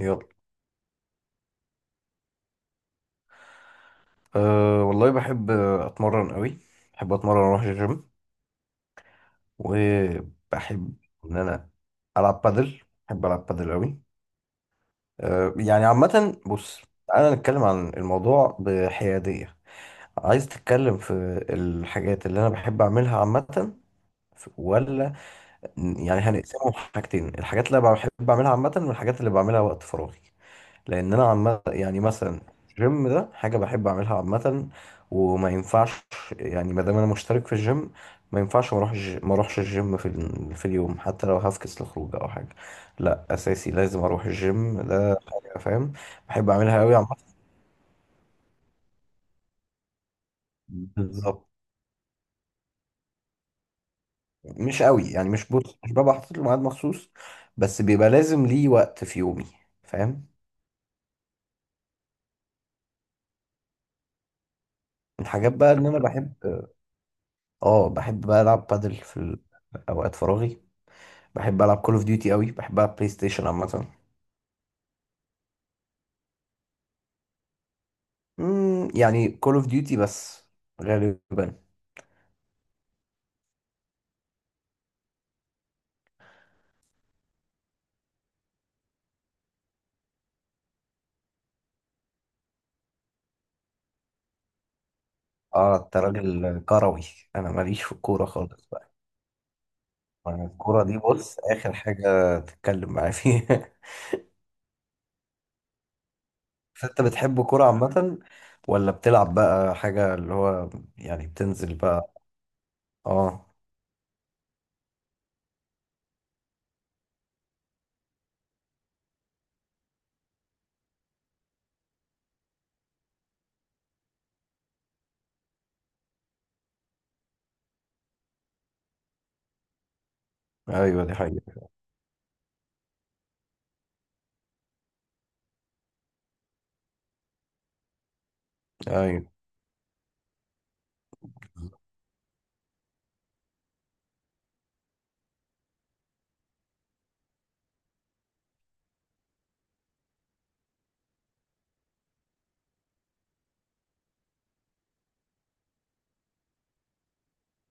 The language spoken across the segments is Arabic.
يلا أه والله بحب اتمرن قوي. بحب اتمرن اروح الجيم. وبحب ان انا العب بادل. بحب العب بادل قوي. أه يعني عامه بص، انا نتكلم عن الموضوع بحياديه. عايز تتكلم في الحاجات اللي انا بحب اعملها عامه ولا، يعني هنقسمهم حاجتين، الحاجات اللي أنا بحب اعملها عامه والحاجات اللي بعملها وقت فراغي. لان انا عم يعني مثلا الجيم ده حاجه بحب اعملها عامه وما ينفعش، يعني ما دام انا مشترك في الجيم ما ينفعش ما اروحش الجيم في اليوم حتى لو هفكس لخروج او حاجه. لا اساسي لازم اروح الجيم، ده حاجه. فاهم؟ بحب اعملها قوي عامه. بالظبط. مش قوي يعني، مش بص مش ببقى حاطط له ميعاد مخصوص، بس بيبقى لازم ليه وقت في يومي. فاهم؟ الحاجات بقى ان انا بحب، اه بحب بقى العب بادل في اوقات فراغي. بحب العب كول اوف ديوتي قوي، بحب العب بلاي ستيشن عامه. يعني كول اوف ديوتي بس غالبا. اه انت راجل كروي، انا ماليش في الكوره خالص بقى. يعني الكوره دي بص اخر حاجه تتكلم معايا فيها. فانت بتحب كوره عامه، ولا بتلعب بقى حاجه اللي هو، يعني بتنزل بقى؟ اه. ايوه دي حقيقة. ايوه.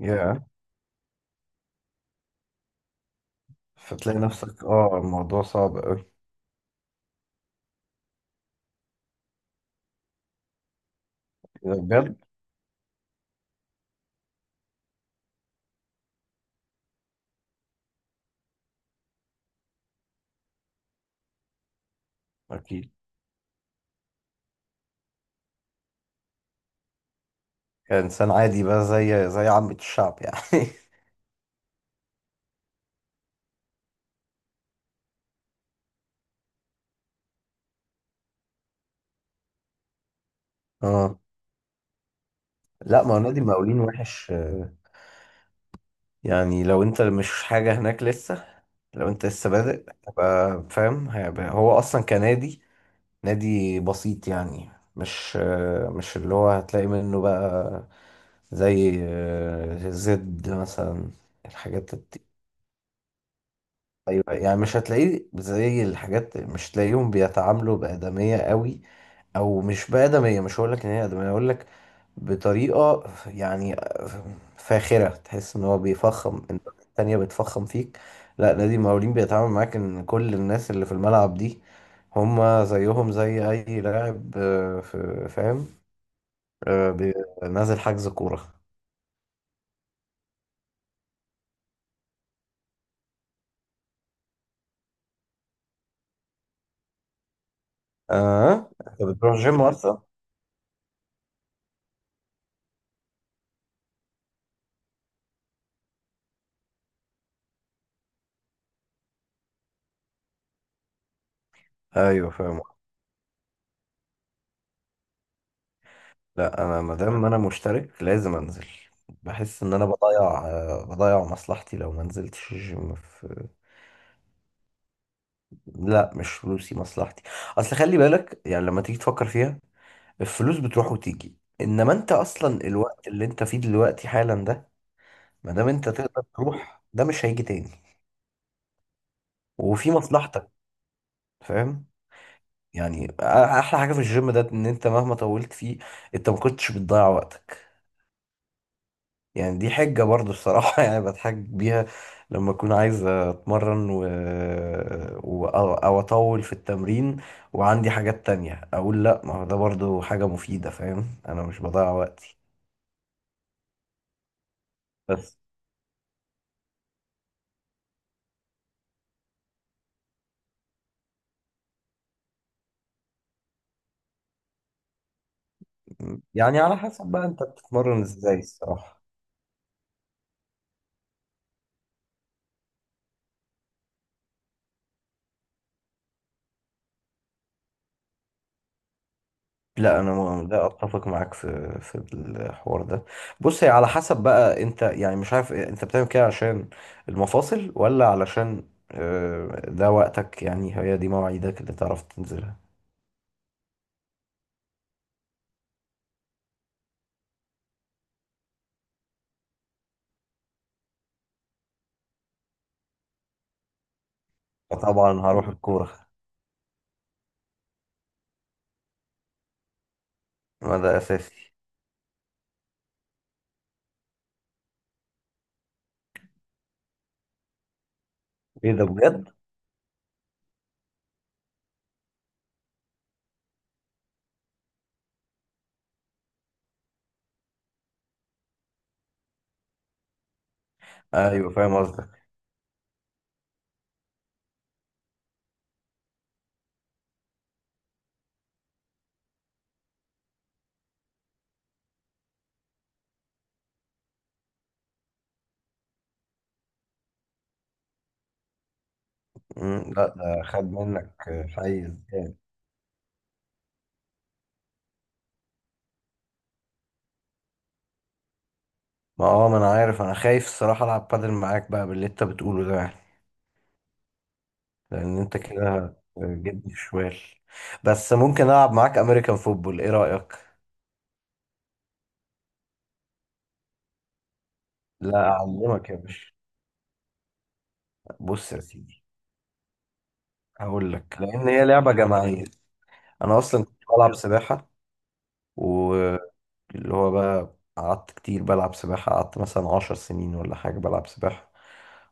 يا. فتلاقي نفسك، اه، الموضوع صعب قوي. بجد. اكيد. كإنسان عادي بقى، زي عامة الشعب يعني. اه. لا، ما هو نادي المقاولين وحش، يعني لو انت مش حاجة هناك لسه، لو انت لسه بادئ تبقى فاهم، هيبقى هو اصلا كنادي، نادي بسيط يعني، مش مش اللي هو هتلاقي منه بقى زي زد مثلا. الحاجات الت- ايوه يعني مش هتلاقيه زي الحاجات، مش هتلاقيهم بيتعاملوا بآدمية قوي، او مش بآدمية، مش هقول لك ان هي آدمية، هقول لك بطريقة يعني فاخرة تحس ان هو بيفخم، الناس التانية بتفخم فيك. لا نادي المقاولين بيتعامل معاك ان كل الناس اللي في الملعب دي هما زيهم زي اي لاعب فاهم؟ آه، بي- نازل حجز كورة. اه انت بتروح جيم اصلا؟ ايوه فاهم. لا انا ما دام انا مشترك لازم انزل. بحس ان انا بضيع مصلحتي لو ما نزلتش الجيم. في لا مش فلوسي، مصلحتي. اصل خلي بالك يعني لما تيجي تفكر فيها، الفلوس بتروح وتيجي، انما انت اصلا الوقت اللي انت فيه دلوقتي حالا ده ما دام انت تقدر تروح ده مش هيجي تاني. وفي مصلحتك. فاهم؟ يعني احلى حاجة في الجيم ده ان انت مهما طولت فيه انت ما كنتش بتضيع وقتك. يعني دي حجة برضه الصراحة يعني بتحج بيها لما أكون عايز أتمرن و... و... أو أو أطول في التمرين وعندي حاجات تانية أقول لأ، ما هو ده برضه حاجة مفيدة. فاهم؟ أنا مش بضيع وقتي. بس يعني على حسب بقى أنت بتتمرن إزاي الصراحة. لا أنا لا أتفق معاك في الحوار ده. بص، هي على حسب بقى أنت، يعني مش عارف إيه، أنت بتعمل كده عشان المفاصل ولا علشان ده وقتك، يعني هي دي مواعيدك اللي تعرف تنزلها. فطبعا هروح الكورة. ما ده أساسي. إيه ده بجد؟ أيوه فاهم قصدك. مم، لا ده خد منك حيز جامد. ما هو، ما أنا عارف، أنا خايف الصراحة ألعب بادل معاك بقى باللي أنت بتقوله ده يعني. لأن أنت كده هتجيبني شوال. بس ممكن ألعب معاك أمريكان فوتبول، إيه رأيك؟ لا أعلمك يا باشا. بص يا سيدي، هقول لك، لأن هي لعبة جماعية. أنا أصلا كنت بلعب سباحة، و اللي هو بقى قعدت كتير بلعب سباحة، قعدت مثلا 10 سنين ولا حاجة بلعب سباحة.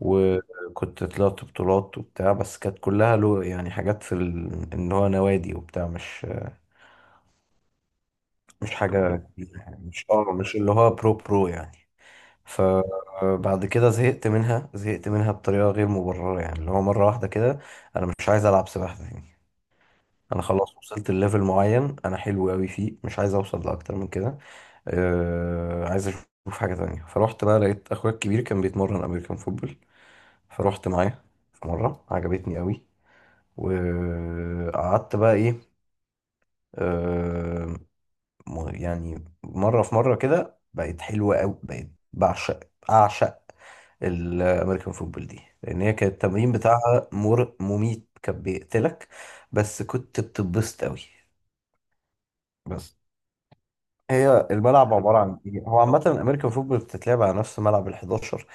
وكنت طلعت بطولات وبتاع، بس كانت كلها له يعني حاجات في ان هو نوادي وبتاع، مش مش حاجة كبيرة يعني، مش اه مش اللي هو برو يعني. فبعد كده زهقت منها، زهقت منها بطريقة غير مبررة، يعني اللي هو مرة واحدة كده انا مش عايز العب سباحة تاني. انا خلاص وصلت لليفل معين، انا حلو قوي فيه، مش عايز اوصل لاكتر من كده. عايز اشوف حاجه تانية، فروحت بقى لقيت اخويا الكبير كان بيتمرن امريكان فوتبول، فروحت معاه في مره، عجبتني قوي. وقعدت بقى، ايه، آه يعني مره في مره كده بقت حلوه قوي، بقت بعشق اعشق الامريكان فوتبول دي، لان هي كان التمرين بتاعها مر مميت كان بيقتلك، بس كنت بتتبسط قوي. بس هي الملعب عبارة عن إيه؟ هو عامة الأمريكان فوتبول بتتلعب على نفس ملعب ال11،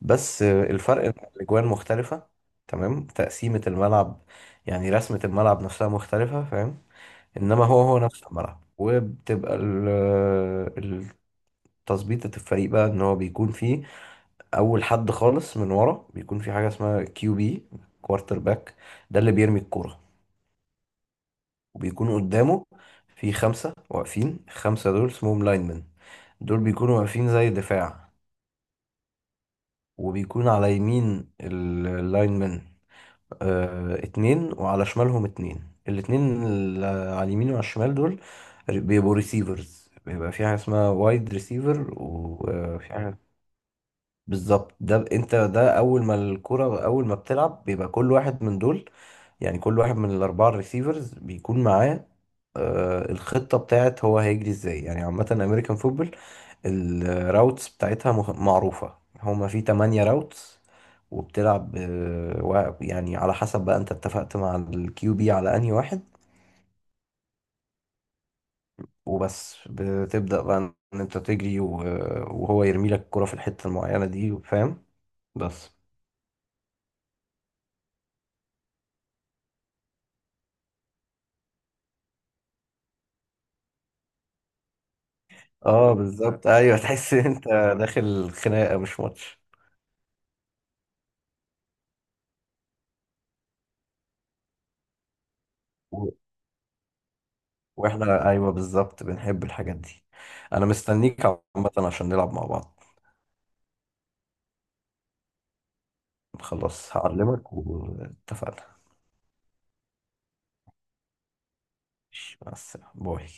بس الفرق إن الأجوان مختلفة، تمام؟ تقسيمة الملعب يعني رسمة الملعب نفسها مختلفة. فاهم؟ إنما هو هو نفس الملعب، وبتبقى التظبيطة الفريق بقى، إن هو بيكون فيه أول حد خالص من ورا، بيكون في حاجة اسمها كيو بي، كوارتر باك، ده اللي بيرمي الكورة. وبيكون قدامه في خمسة واقفين، الخمسة دول اسمهم لاينمن، دول بيكونوا واقفين زي دفاع. وبيكون على يمين اللاينمن اتنين، وعلى شمالهم اتنين. الاتنين اللي على اليمين وعلى الشمال دول بيبقوا ريسيفرز، بيبقى في حاجة اسمها وايد ريسيفر وفي. بالظبط. ده انت ده اول ما الكرة، اول ما بتلعب بيبقى كل واحد من دول، يعني كل واحد من الاربعه الريسيفرز بيكون معاه الخطه بتاعت هو هيجري ازاي، يعني عامه امريكان فوتبول الراوتس بتاعتها معروفه، هما في 8 راوتس. وبتلعب يعني على حسب بقى انت اتفقت مع الكيو بي على انهي واحد، وبس بتبدأ بقى ان انت تجري وهو يرمي لك الكرة في الحتة المعينة دي. فاهم؟ بس. اه بالظبط، ايوه تحس ان انت داخل خناقه مش ماتش. و- واحنا ايوه بالظبط بنحب الحاجات دي. انا مستنيك عامه عشان نلعب مع بعض. خلاص هعلمك واتفقنا. ماشي، مع السلامه باي.